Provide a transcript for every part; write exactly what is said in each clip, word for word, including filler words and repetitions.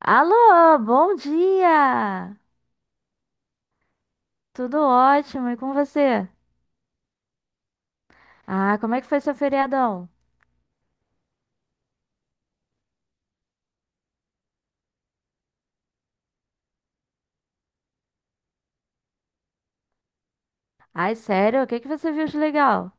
Alô, bom dia! Tudo ótimo, e com você? Ah, como é que foi seu feriadão? Ai, sério, o que que você viu de legal?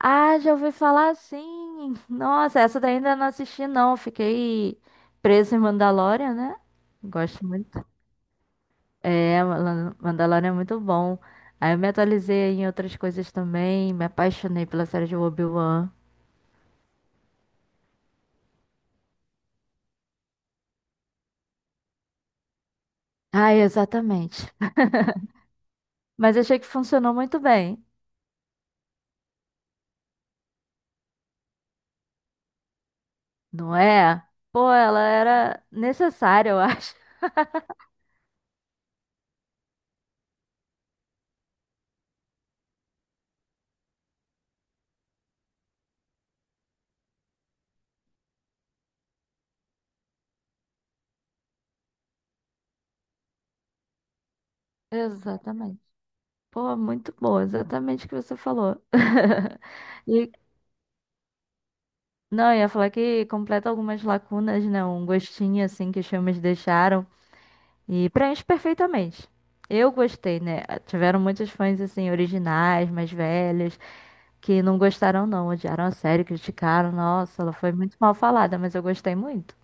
Ah, já ouvi falar sim! Nossa, essa daí ainda não assisti não, fiquei presa em Mandalorian, né? Gosto muito. É, Mala- Mandalorian é muito bom. Aí eu me atualizei em outras coisas também, me apaixonei pela série de Obi-Wan. Ah, exatamente. Mas achei que funcionou muito bem. Não é? Pô, ela era necessária, eu acho. Exatamente. Pô, muito boa, exatamente o que você falou. E, não, eu ia falar que completa algumas lacunas, né? Um gostinho, assim, que os filmes deixaram. E preenche perfeitamente. Eu gostei, né? Tiveram muitos fãs, assim, originais, mais velhos, que não gostaram, não. Odiaram a série, criticaram. Nossa, ela foi muito mal falada, mas eu gostei muito.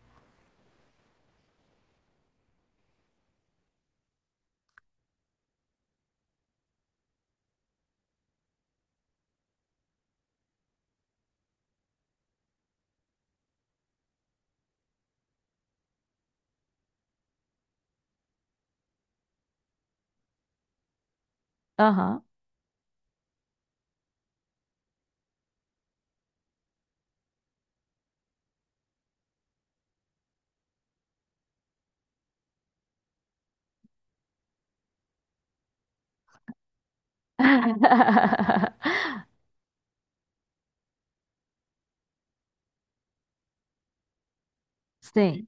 Aham. Sim.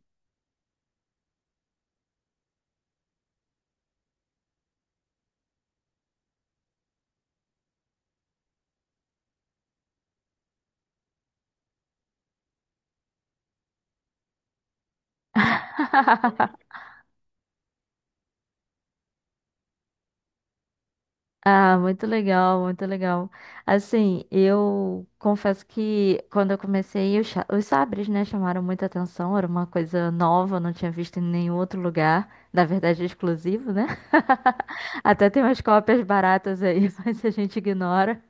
Ah, muito legal, muito legal. Assim, eu confesso que quando eu comecei, os, cha- os sabres, né, chamaram muita atenção, era uma coisa nova, eu não tinha visto em nenhum outro lugar, na verdade, é exclusivo, né? Até tem umas cópias baratas aí, mas a gente ignora.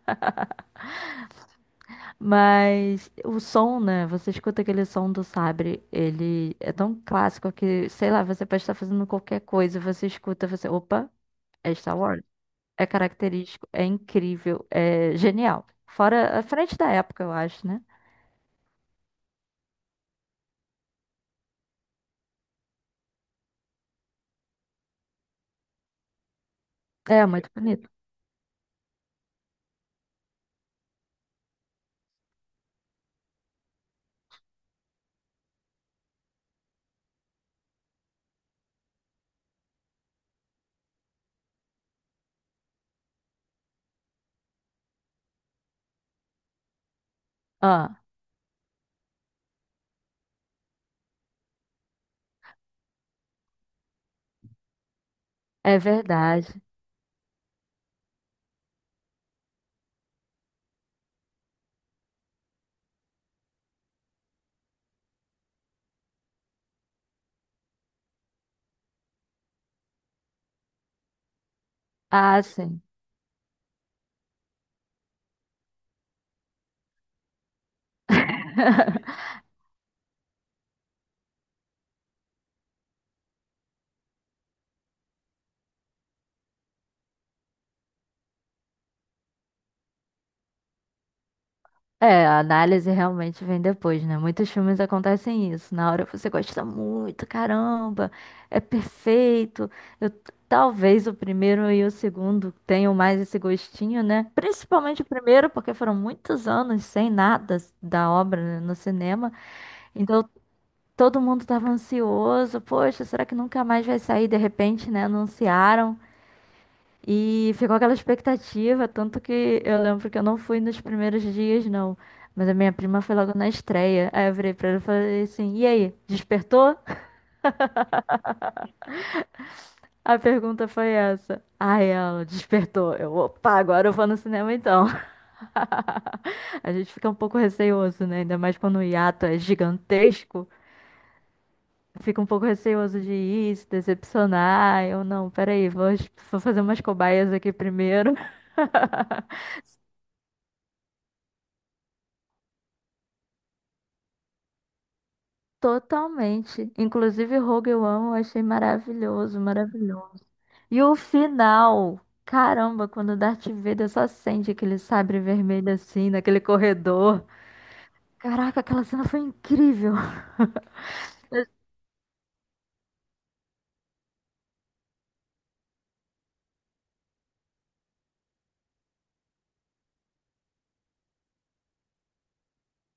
Mas o som, né, você escuta aquele som do sabre, ele é tão clássico que, sei lá, você pode estar fazendo qualquer coisa, você escuta, você, opa, é Star Wars. É característico, é incrível, é genial. Fora a frente da época, eu acho, né? É muito bonito. Ah, é verdade. Ah, sim. É, a análise realmente vem depois, né? Muitos filmes acontecem isso. Na hora você gosta muito, caramba, é perfeito. Eu- Talvez o primeiro e o segundo tenham mais esse gostinho, né? Principalmente o primeiro, porque foram muitos anos sem nada da obra né, no cinema. Então, Todo mundo tava ansioso. Poxa, será que nunca mais vai sair? De repente, né? Anunciaram. E ficou aquela expectativa. Tanto que eu lembro que eu não fui nos primeiros dias, não. Mas a minha prima foi logo na estreia. Aí eu virei pra ela e falei assim: E aí, despertou? A pergunta foi essa. Aí ela despertou. Eu, opa, agora eu vou no cinema então. A gente fica um pouco receoso, né? Ainda mais quando o hiato é gigantesco. Fica um pouco receoso de ir, se decepcionar. Eu não, peraí, vou, vou fazer umas cobaias aqui primeiro. Totalmente. Inclusive, Rogue One eu achei maravilhoso, maravilhoso. E o final, caramba, quando o Darth Vader só acende aquele sabre vermelho assim, naquele corredor. Caraca, aquela cena foi incrível.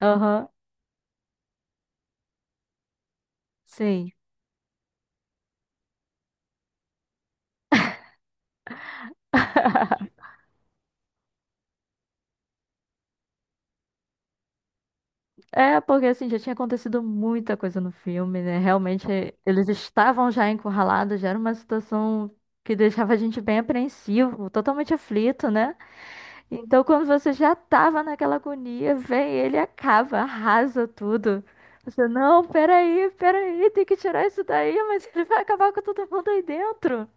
Aham, sim. É, porque assim, já tinha acontecido muita coisa no filme, né? Realmente, eles estavam já encurralados, já era uma situação que deixava a gente bem apreensivo, totalmente aflito, né? Então, quando você já tava naquela agonia, vem ele e acaba, arrasa tudo. Você, não, peraí, peraí, tem que tirar isso daí, mas ele vai acabar com todo mundo aí dentro.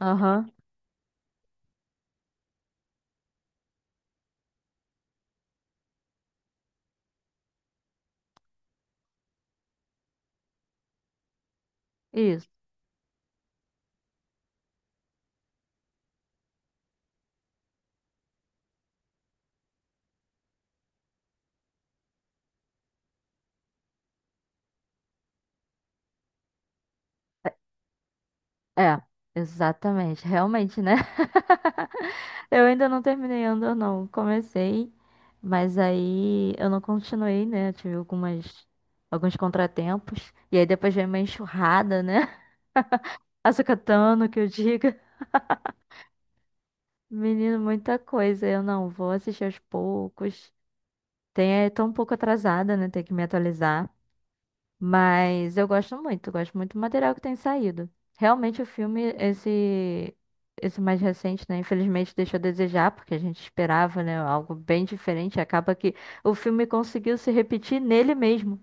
Aham, isso. É, exatamente, realmente, né? Eu ainda não terminei Andor, não. Comecei, mas aí eu não continuei, né? Eu tive algumas, alguns contratempos. E aí depois veio uma enxurrada, né? Açucatano, que eu diga. Menino, muita coisa. Eu não vou assistir aos poucos. Tem, é tão um pouco atrasada, né? Tem que me atualizar. Mas eu gosto muito, gosto muito do material que tem saído. Realmente o filme, esse, esse mais recente, né? Infelizmente deixou a desejar, porque a gente esperava, né? Algo bem diferente. Acaba que o filme conseguiu se repetir nele mesmo.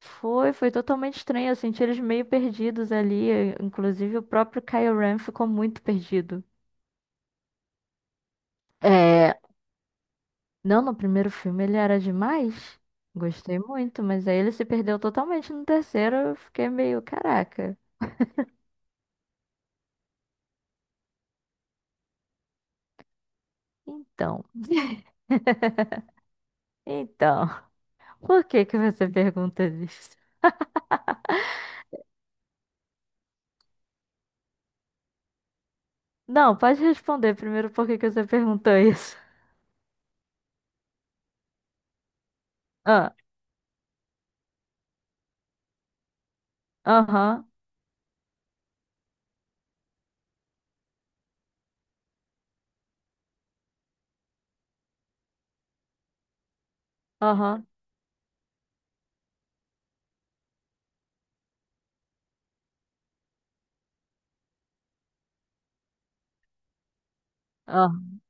Foi, foi totalmente estranho. Eu senti eles meio perdidos ali. eh, Inclusive o próprio Kylo Ren ficou muito perdido. É, não, no primeiro filme ele era demais. Gostei muito, mas aí ele se perdeu totalmente no terceiro. Eu fiquei meio, caraca. Então. Então, por que que você pergunta isso? Não, pode responder primeiro por que que você perguntou isso. Ah, aham, aham, aham.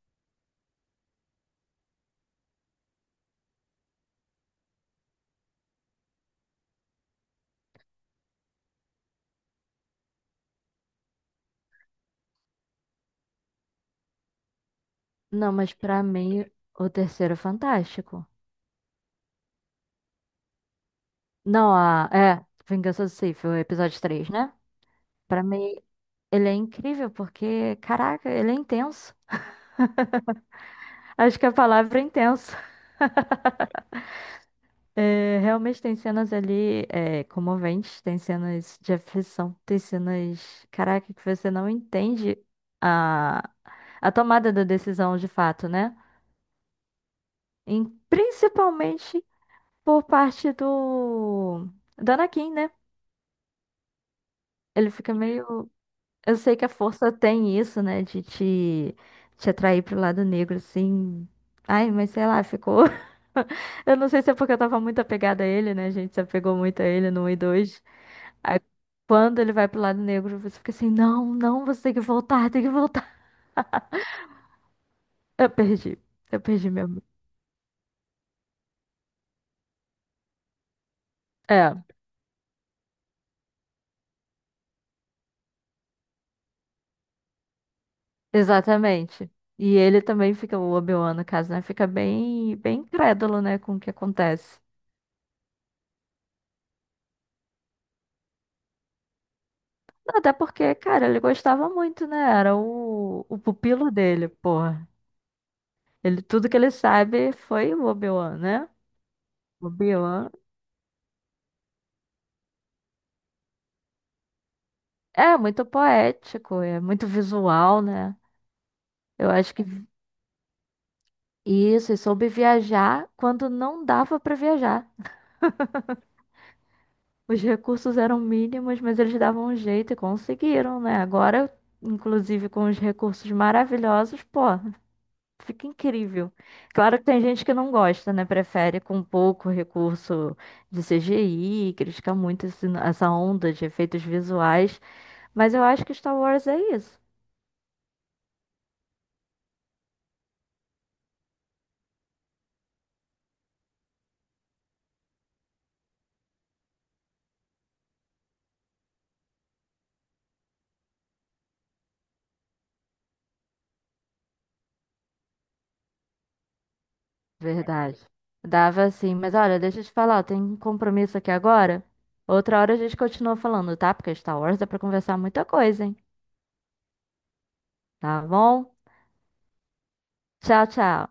Não, mas pra mim, o terceiro é fantástico. Não, a, é, Vingança do Sith, o episódio três, né? Pra mim, ele é incrível porque, caraca, ele é intenso. Acho que a palavra é intenso. É, realmente tem cenas ali é, comoventes, tem cenas de aflição, tem cenas, caraca, que você não entende a, a tomada da decisão de fato, né? Em- principalmente por parte do, do Anakin, né? Ele fica meio. Eu sei que a força tem isso, né? De te, te atrair pro lado negro, assim. Ai, mas sei lá, ficou. Eu não sei se é porque eu tava muito apegada a ele, né? A gente se apegou muito a ele no um e dois. Aí quando ele vai pro lado negro, você fica assim, não, não, você tem que voltar, tem que voltar. Eu perdi, eu perdi mesmo. É, exatamente. E ele também fica, o Obi-Wan, no caso, né? Fica bem, bem incrédulo, né, com o que acontece. Até porque, cara, ele gostava muito, né? Era o, o pupilo dele, porra. Ele, tudo que ele sabe foi o Obi-Wan, né? O Obi-Wan é muito poético, é muito visual, né? Eu acho que Isso, e soube viajar quando não dava para viajar. Os recursos eram mínimos, mas eles davam um jeito e conseguiram, né? Agora, inclusive com os recursos maravilhosos, pô, fica incrível. Claro que tem gente que não gosta, né? Prefere com pouco recurso de C G I, critica muito esse- essa onda de efeitos visuais, mas eu acho que Star Wars é isso. Verdade. Dava sim, mas olha, deixa eu te falar, tem um compromisso aqui agora. Outra hora a gente continua falando, tá? Porque Star Wars dá pra conversar muita coisa, hein? Tá bom? Tchau, tchau.